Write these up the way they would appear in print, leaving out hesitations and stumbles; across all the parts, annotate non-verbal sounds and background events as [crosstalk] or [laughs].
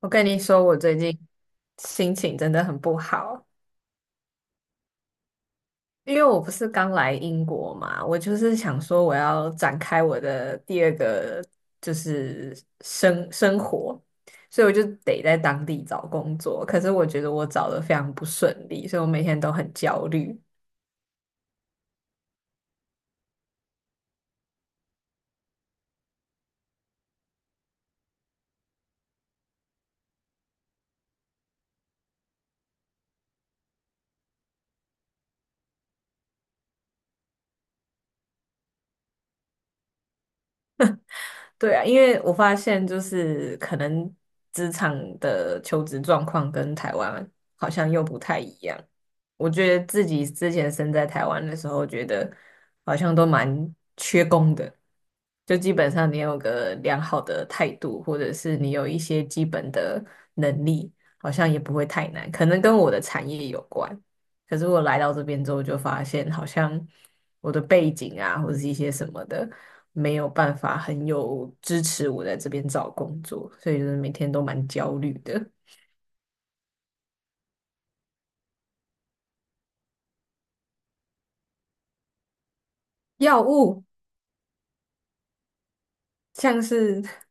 我跟你说，我最近心情真的很不好，因为我不是刚来英国嘛，我就是想说我要展开我的第二个就是生活，所以我就得在当地找工作。可是我觉得我找的非常不顺利，所以我每天都很焦虑。对啊，因为我发现就是可能职场的求职状况跟台湾好像又不太一样。我觉得自己之前身在台湾的时候，觉得好像都蛮缺工的，就基本上你有个良好的态度，或者是你有一些基本的能力，好像也不会太难，可能跟我的产业有关。可是我来到这边之后，就发现好像我的背景啊，或者是一些什么的，没有办法很有支持我在这边找工作，所以就是每天都蛮焦虑的。药物像是 [laughs]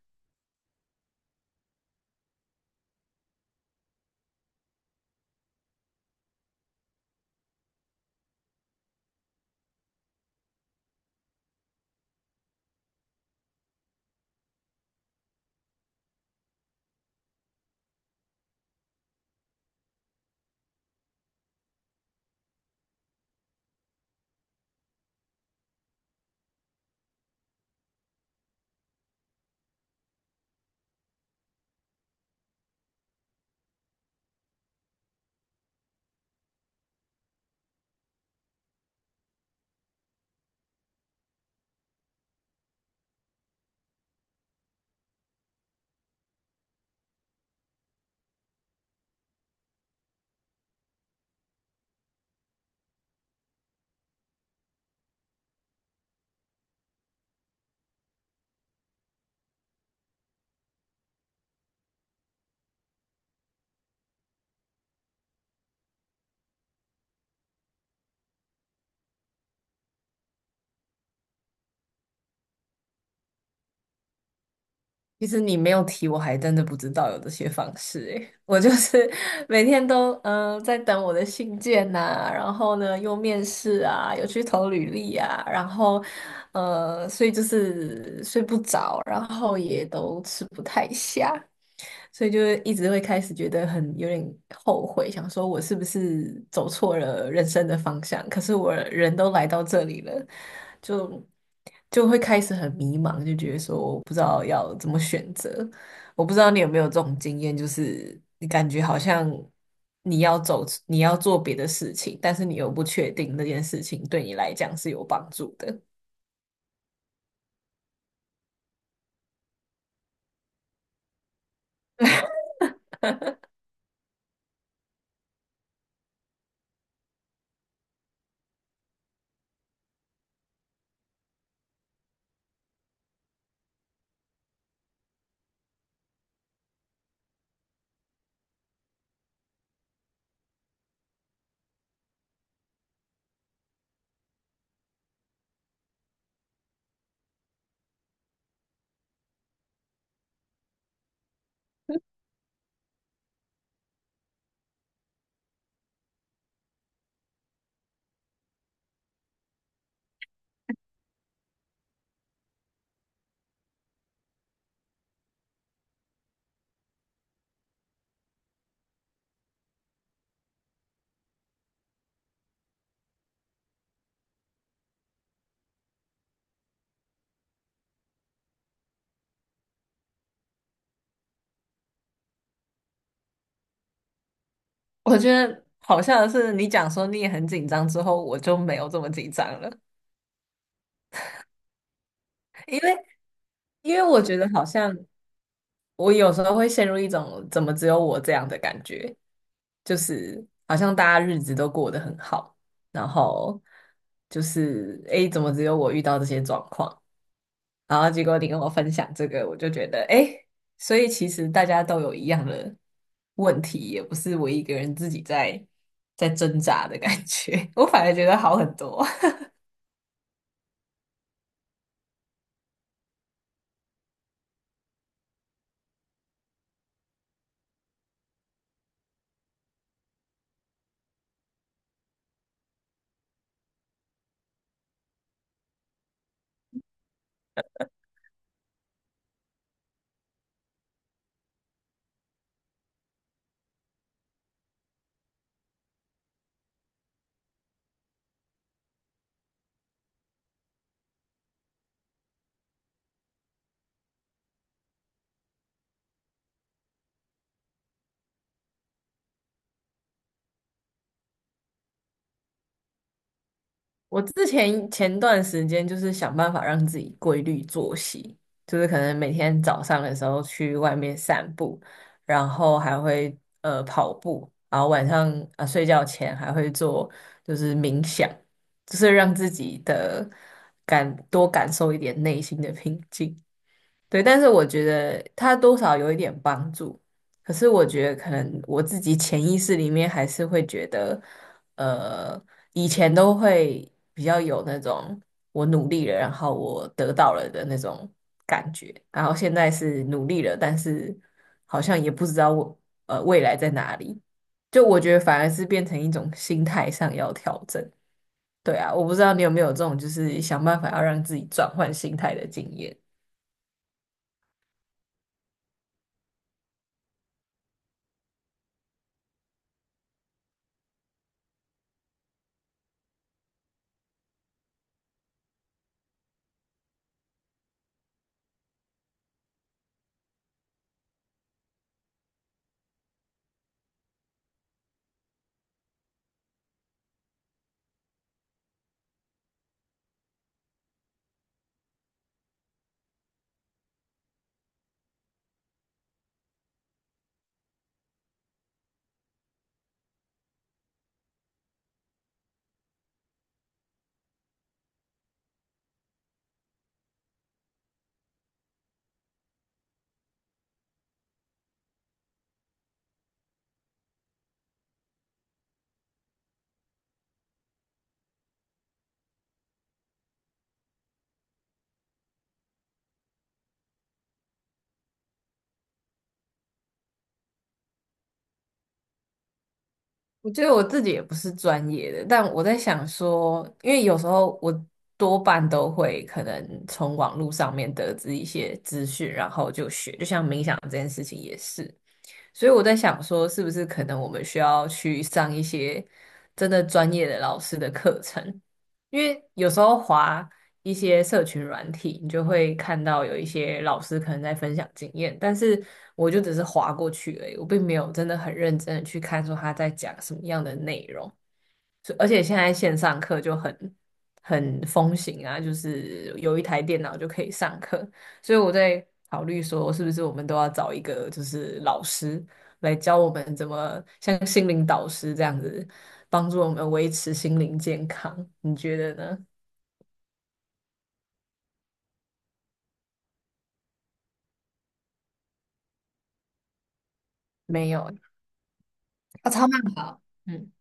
其实你没有提，我还真的不知道有这些方式诶。我就是 [laughs] 每天都在等我的信件呐、然后呢又面试啊，有去投履历啊，然后所以就是睡不着，然后也都吃不太下，所以就一直会开始觉得很有点后悔，想说我是不是走错了人生的方向？可是我人都来到这里了，就。就会开始很迷茫，就觉得说我不知道要怎么选择。我不知道你有没有这种经验，就是你感觉好像你要走，你要做别的事情，但是你又不确定那件事情对你来讲是有帮助的。我觉得好像是你讲说你也很紧张之后，我就没有这么紧张了，因为因为我觉得好像我有时候会陷入一种怎么只有我这样的感觉，就是好像大家日子都过得很好，然后就是诶，怎么只有我遇到这些状况？然后结果你跟我分享这个，我就觉得诶，所以其实大家都有一样的问题，也不是我一个人自己在挣扎的感觉，[laughs] 我反而觉得好很多。我之前前段时间就是想办法让自己规律作息，就是可能每天早上的时候去外面散步，然后还会跑步，然后晚上啊、睡觉前还会做就是冥想，就是让自己的多感受一点内心的平静。对，但是我觉得它多少有一点帮助，可是我觉得可能我自己潜意识里面还是会觉得，呃，以前都会比较有那种我努力了，然后我得到了的那种感觉，然后现在是努力了，但是好像也不知道我未来在哪里，就我觉得反而是变成一种心态上要调整。对啊，我不知道你有没有这种就是想办法要让自己转换心态的经验。我觉得我自己也不是专业的，但我在想说，因为有时候我多半都会可能从网络上面得知一些资讯，然后就学，就像冥想这件事情也是。所以我在想说，是不是可能我们需要去上一些真的专业的老师的课程？因为有时候划一些社群软体，你就会看到有一些老师可能在分享经验，但是我就只是划过去而已，我并没有真的很认真的去看说他在讲什么样的内容。是而且现在线上课就很风行啊，就是有一台电脑就可以上课，所以我在考虑说，是不是我们都要找一个就是老师来教我们怎么像心灵导师这样子，帮助我们维持心灵健康，你觉得呢？没有，啊，超慢跑，嗯，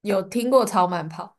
有听过超慢跑。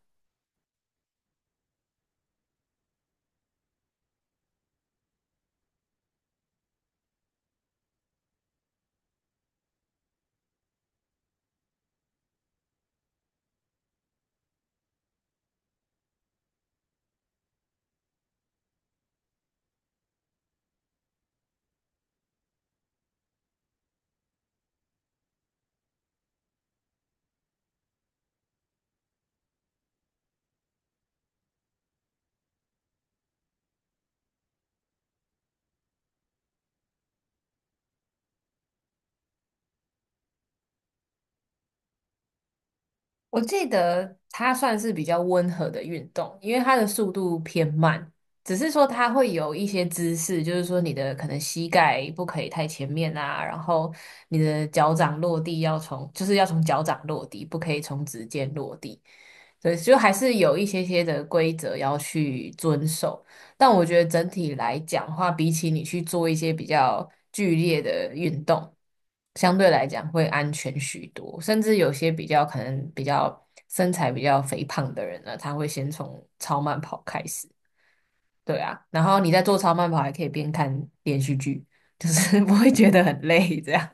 我记得它算是比较温和的运动，因为它的速度偏慢，只是说它会有一些姿势，就是说你的可能膝盖不可以太前面啊，然后你的脚掌落地要从，就是要从脚掌落地，不可以从指尖落地。对，就还是有一些些的规则要去遵守，但我觉得整体来讲的话，比起你去做一些比较剧烈的运动，相对来讲会安全许多。甚至有些比较可能比较身材比较肥胖的人呢，他会先从超慢跑开始，对啊，然后你在做超慢跑还可以边看连续剧，就是 [laughs] 不会觉得很累，这样，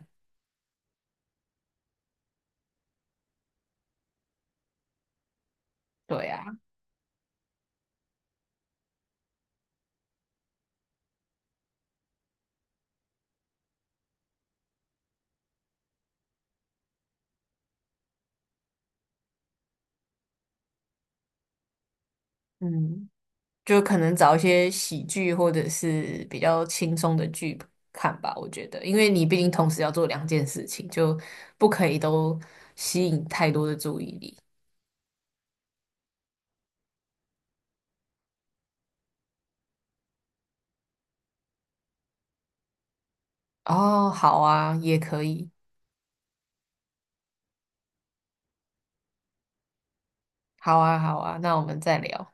对啊，嗯。就可能找一些喜剧或者是比较轻松的剧看吧，我觉得，因为你毕竟同时要做两件事情，就不可以都吸引太多的注意力。哦，好啊，也可以，好啊，好啊，那我们再聊。